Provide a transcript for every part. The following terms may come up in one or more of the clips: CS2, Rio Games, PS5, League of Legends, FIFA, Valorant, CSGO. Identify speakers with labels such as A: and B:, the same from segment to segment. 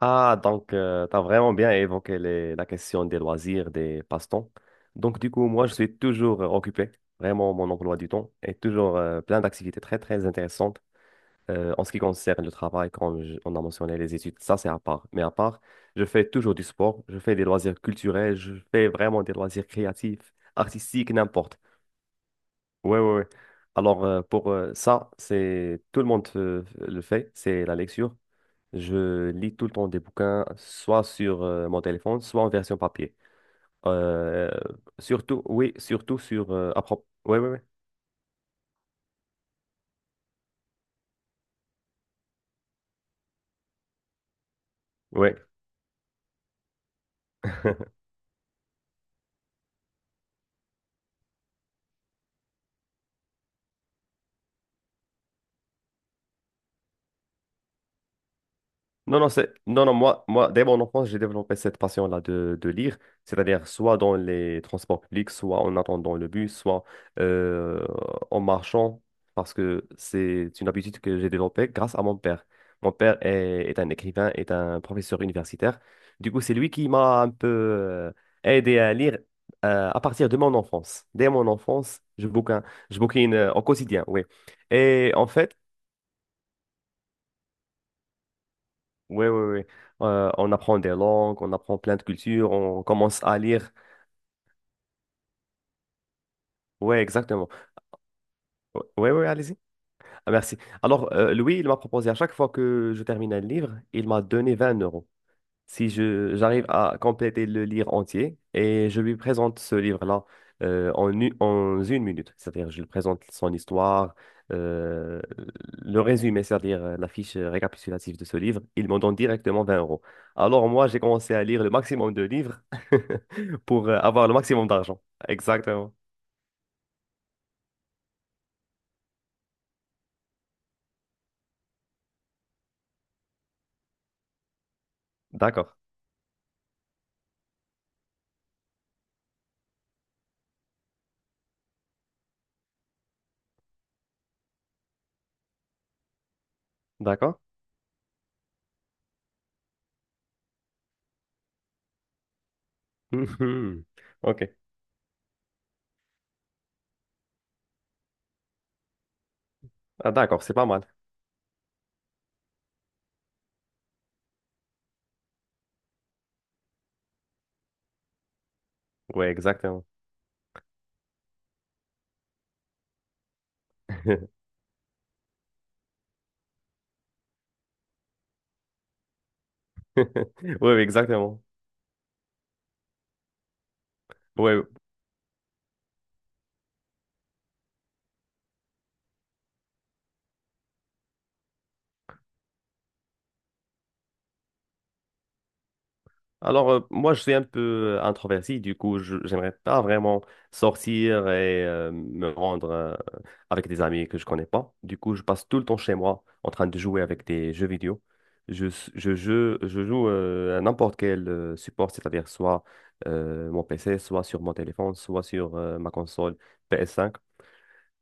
A: Ah, donc, tu as vraiment bien évoqué la question des loisirs, des passe-temps. Donc, du coup, moi, je suis toujours occupé. Vraiment, mon emploi du temps est toujours plein d'activités très, très intéressantes. En ce qui concerne le travail, comme on a mentionné les études, ça, c'est à part. Mais à part, je fais toujours du sport, je fais des loisirs culturels, je fais vraiment des loisirs créatifs, artistiques, n'importe. Ouais, ouais, ouais. Alors, pour ça, c'est tout le monde le fait, c'est la lecture. Je lis tout le temps des bouquins, soit sur mon téléphone, soit en version papier. Euh, Surtout, oui, surtout sur, à propos. Oui, oui, oui. Oui. Non, non, c'est, non, non, moi, dès mon enfance, j'ai développé cette passion-là de lire, c'est-à-dire soit dans les transports publics, soit en attendant le bus, soit euh, en marchant, parce que c'est une habitude que j'ai développée grâce à mon père. Mon père est un écrivain, est un professeur universitaire. Du coup, c'est lui qui m'a un peu aidé à lire à partir de mon enfance. Dès mon enfance, je bouquine au quotidien, oui. Et en fait, oui, oui, oui. On apprend des langues, on apprend plein de cultures, on commence à lire. Oui, exactement. Oui, oui, allez-y. Ah, merci. Alors, Louis, il m'a proposé à chaque fois que je terminais le livre, il m'a donné 20 euros. Si je j'arrive à compléter le livre entier et je lui présente ce livre-là en 1 minute. C'est-à-dire, je lui présente son histoire, euh, le résumé, c'est-à-dire la fiche récapitulative de ce livre. Il m'en donne directement 20 euros. Alors, moi, j'ai commencé à lire le maximum de livres pour avoir le maximum d'argent. Exactement. D'accord. D'accord. Mhm. OK. Ah, d'accord, c'est pas mal. Oui, exactement. Oui, oui, exactement. Oui. Alors, moi, je suis un peu introverti, du coup, je j'aimerais pas vraiment sortir et me rendre avec des amis que je connais pas. Du coup, je passe tout le temps chez moi en train de jouer avec des jeux vidéo. Je, s- je joue à n'importe quel support, c'est-à-dire soit mon PC, soit sur mon téléphone, soit sur ma console PS5.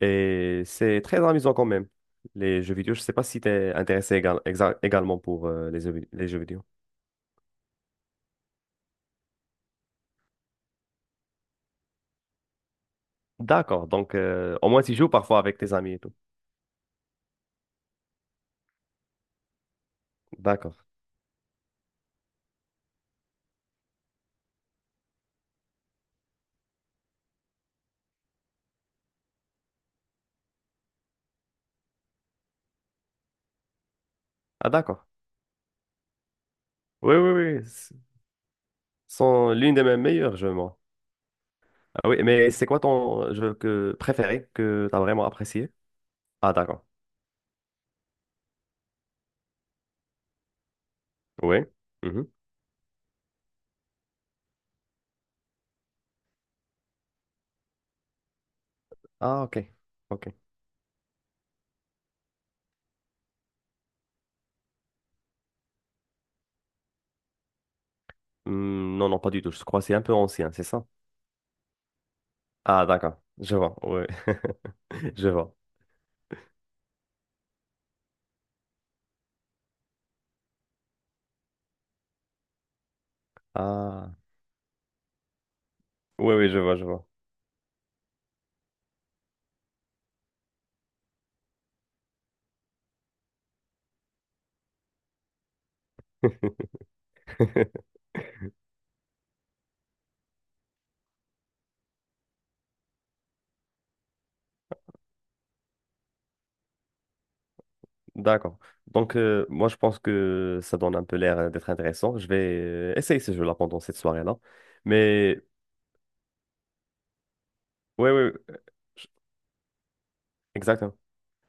A: Et c'est très amusant quand même, les jeux vidéo. Je sais pas si tu es intéressé également pour les les jeux vidéo. D'accord. Donc, au moins, tu joues parfois avec tes amis et tout. D'accord. Ah, d'accord. Oui, oui, oui. C'est sont l'une de mes meilleures jeux, moi. Ah oui, mais c'est quoi ton jeu préféré que tu as vraiment apprécié? Ah, d'accord. Oui. Mhm. Ah, ok. Ok. Hmm, non, non, pas du tout. Je crois que c'est un peu ancien, c'est ça? Ah, d'accord. Je vois. Oui. Je vois. Ah. Oui, oui, je vois, je vois. D'accord. Donc, moi, je pense que ça donne un peu l'air d'être intéressant. Je vais essayer ce jeu-là pendant cette soirée-là. Mais, oui, oui, exactement.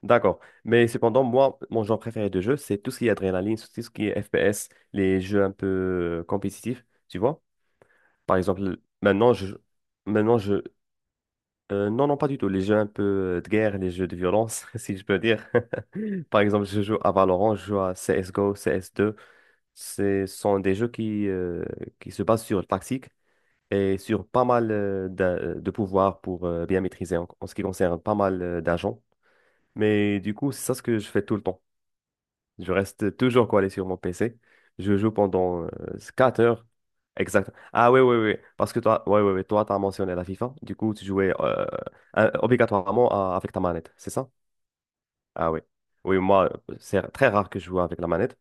A: D'accord. Mais cependant, moi, mon genre préféré de jeu, c'est tout ce qui est adrénaline, tout ce qui est FPS, les jeux un peu compétitifs, tu vois? Par exemple, maintenant, je... Maintenant, je... Non, non, pas du tout. Les jeux un peu de guerre, les jeux de violence, si je peux dire. Par exemple, je joue à Valorant, je joue à CSGO, CS2. Ce sont des jeux qui se basent sur le tactique et sur pas mal de pouvoirs pour bien maîtriser en ce qui concerne pas mal d'agents. Mais du coup, c'est ça ce que je fais tout le temps. Je reste toujours collé sur mon PC. Je joue pendant 4 heures. Exact. Ah oui, oui, oui. Parce que toi, ouais, ouais, ouais, toi, tu as mentionné la FIFA. Du coup, tu jouais obligatoirement avec ta manette, c'est ça? Ah oui. Oui, moi, c'est très rare que je joue avec la manette.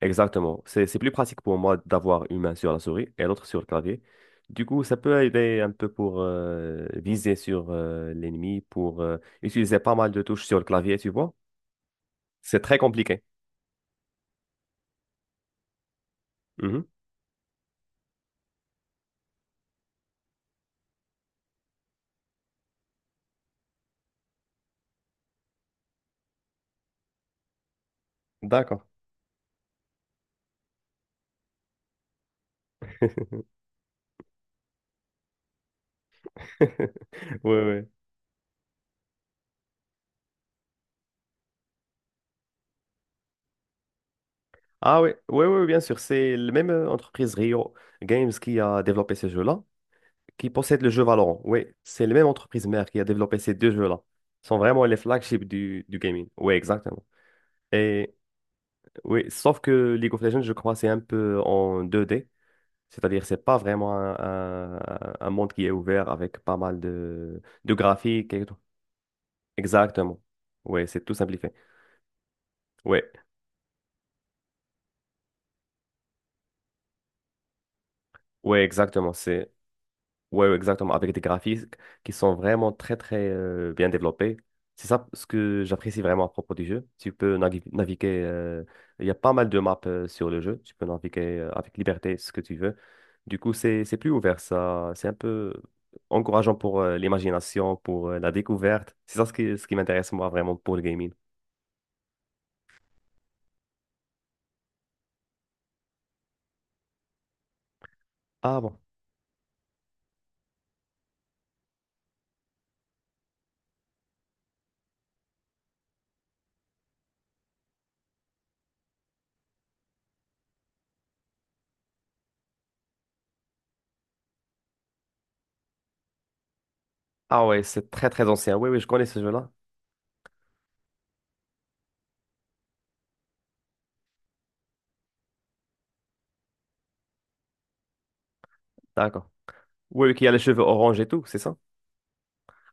A: Exactement. C'est plus pratique pour moi d'avoir une main sur la souris et l'autre sur le clavier. Du coup, ça peut aider un peu pour viser sur l'ennemi, pour utiliser pas mal de touches sur le clavier, tu vois. C'est très compliqué. Mhm. D'accord. Oui, oui. Ah oui, oui, oui, bien sûr. C'est la même entreprise Rio Games qui a développé ce jeu-là, qui possède le jeu Valorant. Oui, c'est la même entreprise mère qui a développé ces deux jeux-là. Ce sont vraiment les flagships du gaming. Oui, exactement. Et Oui, sauf que League of Legends, je crois, c'est un peu en 2D. C'est-à-dire, c'est pas vraiment un monde qui est ouvert avec pas mal de graphiques et tout. Exactement. Oui, c'est tout simplifié. Oui, ouais, ouais, exactement. C'est Ouais, ouais, exactement, avec des graphismes qui sont vraiment très, très bien développés. C'est ça ce que j'apprécie vraiment à propos du jeu. Tu peux naviguer, il y a pas mal de maps sur le jeu, tu peux naviguer avec liberté ce que tu veux. Du coup, c'est plus ouvert, ça, c'est un peu encourageant pour l'imagination, pour la découverte. C'est ça ce qui m'intéresse moi vraiment pour le gaming. Ah bon? Ah ouais, c'est très, très ancien. Oui, oui, je connais ce jeu-là. D'accord. Oui, oui, qui a les cheveux orange et tout, c'est ça?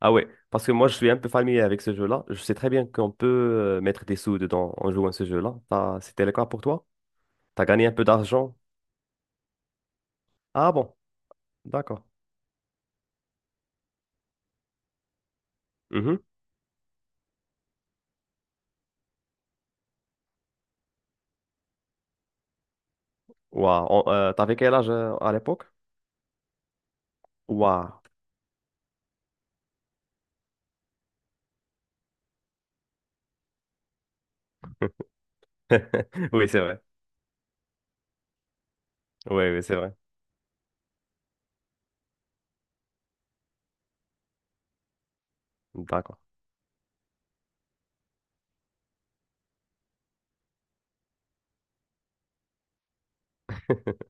A: Ah ouais, parce que moi je suis un peu familier avec ce jeu-là. Je sais très bien qu'on peut mettre des sous dedans en jouant à ce jeu-là. C'était le cas pour toi? T'as gagné un peu d'argent? Ah bon, d'accord. Mhm. Ouah, t'avais quel âge à l'époque? Waouh. Oui, c'est vrai. Oui, oui, c'est vrai. D'accord.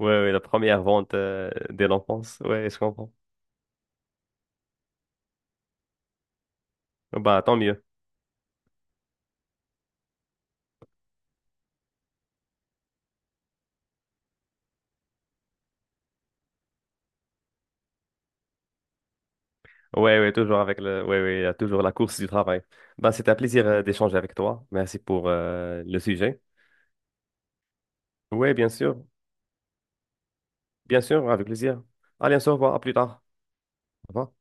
A: Oui, oui, la première vente dès l'enfance. Oui, je comprends. Bah, tant mieux. Oui, oui, oui, oui, il y a toujours la course du travail. Bah, c'était un plaisir d'échanger avec toi. Merci pour le sujet. Oui, bien sûr. Bien sûr, avec plaisir. Allez, on se revoit. À plus tard. Au revoir.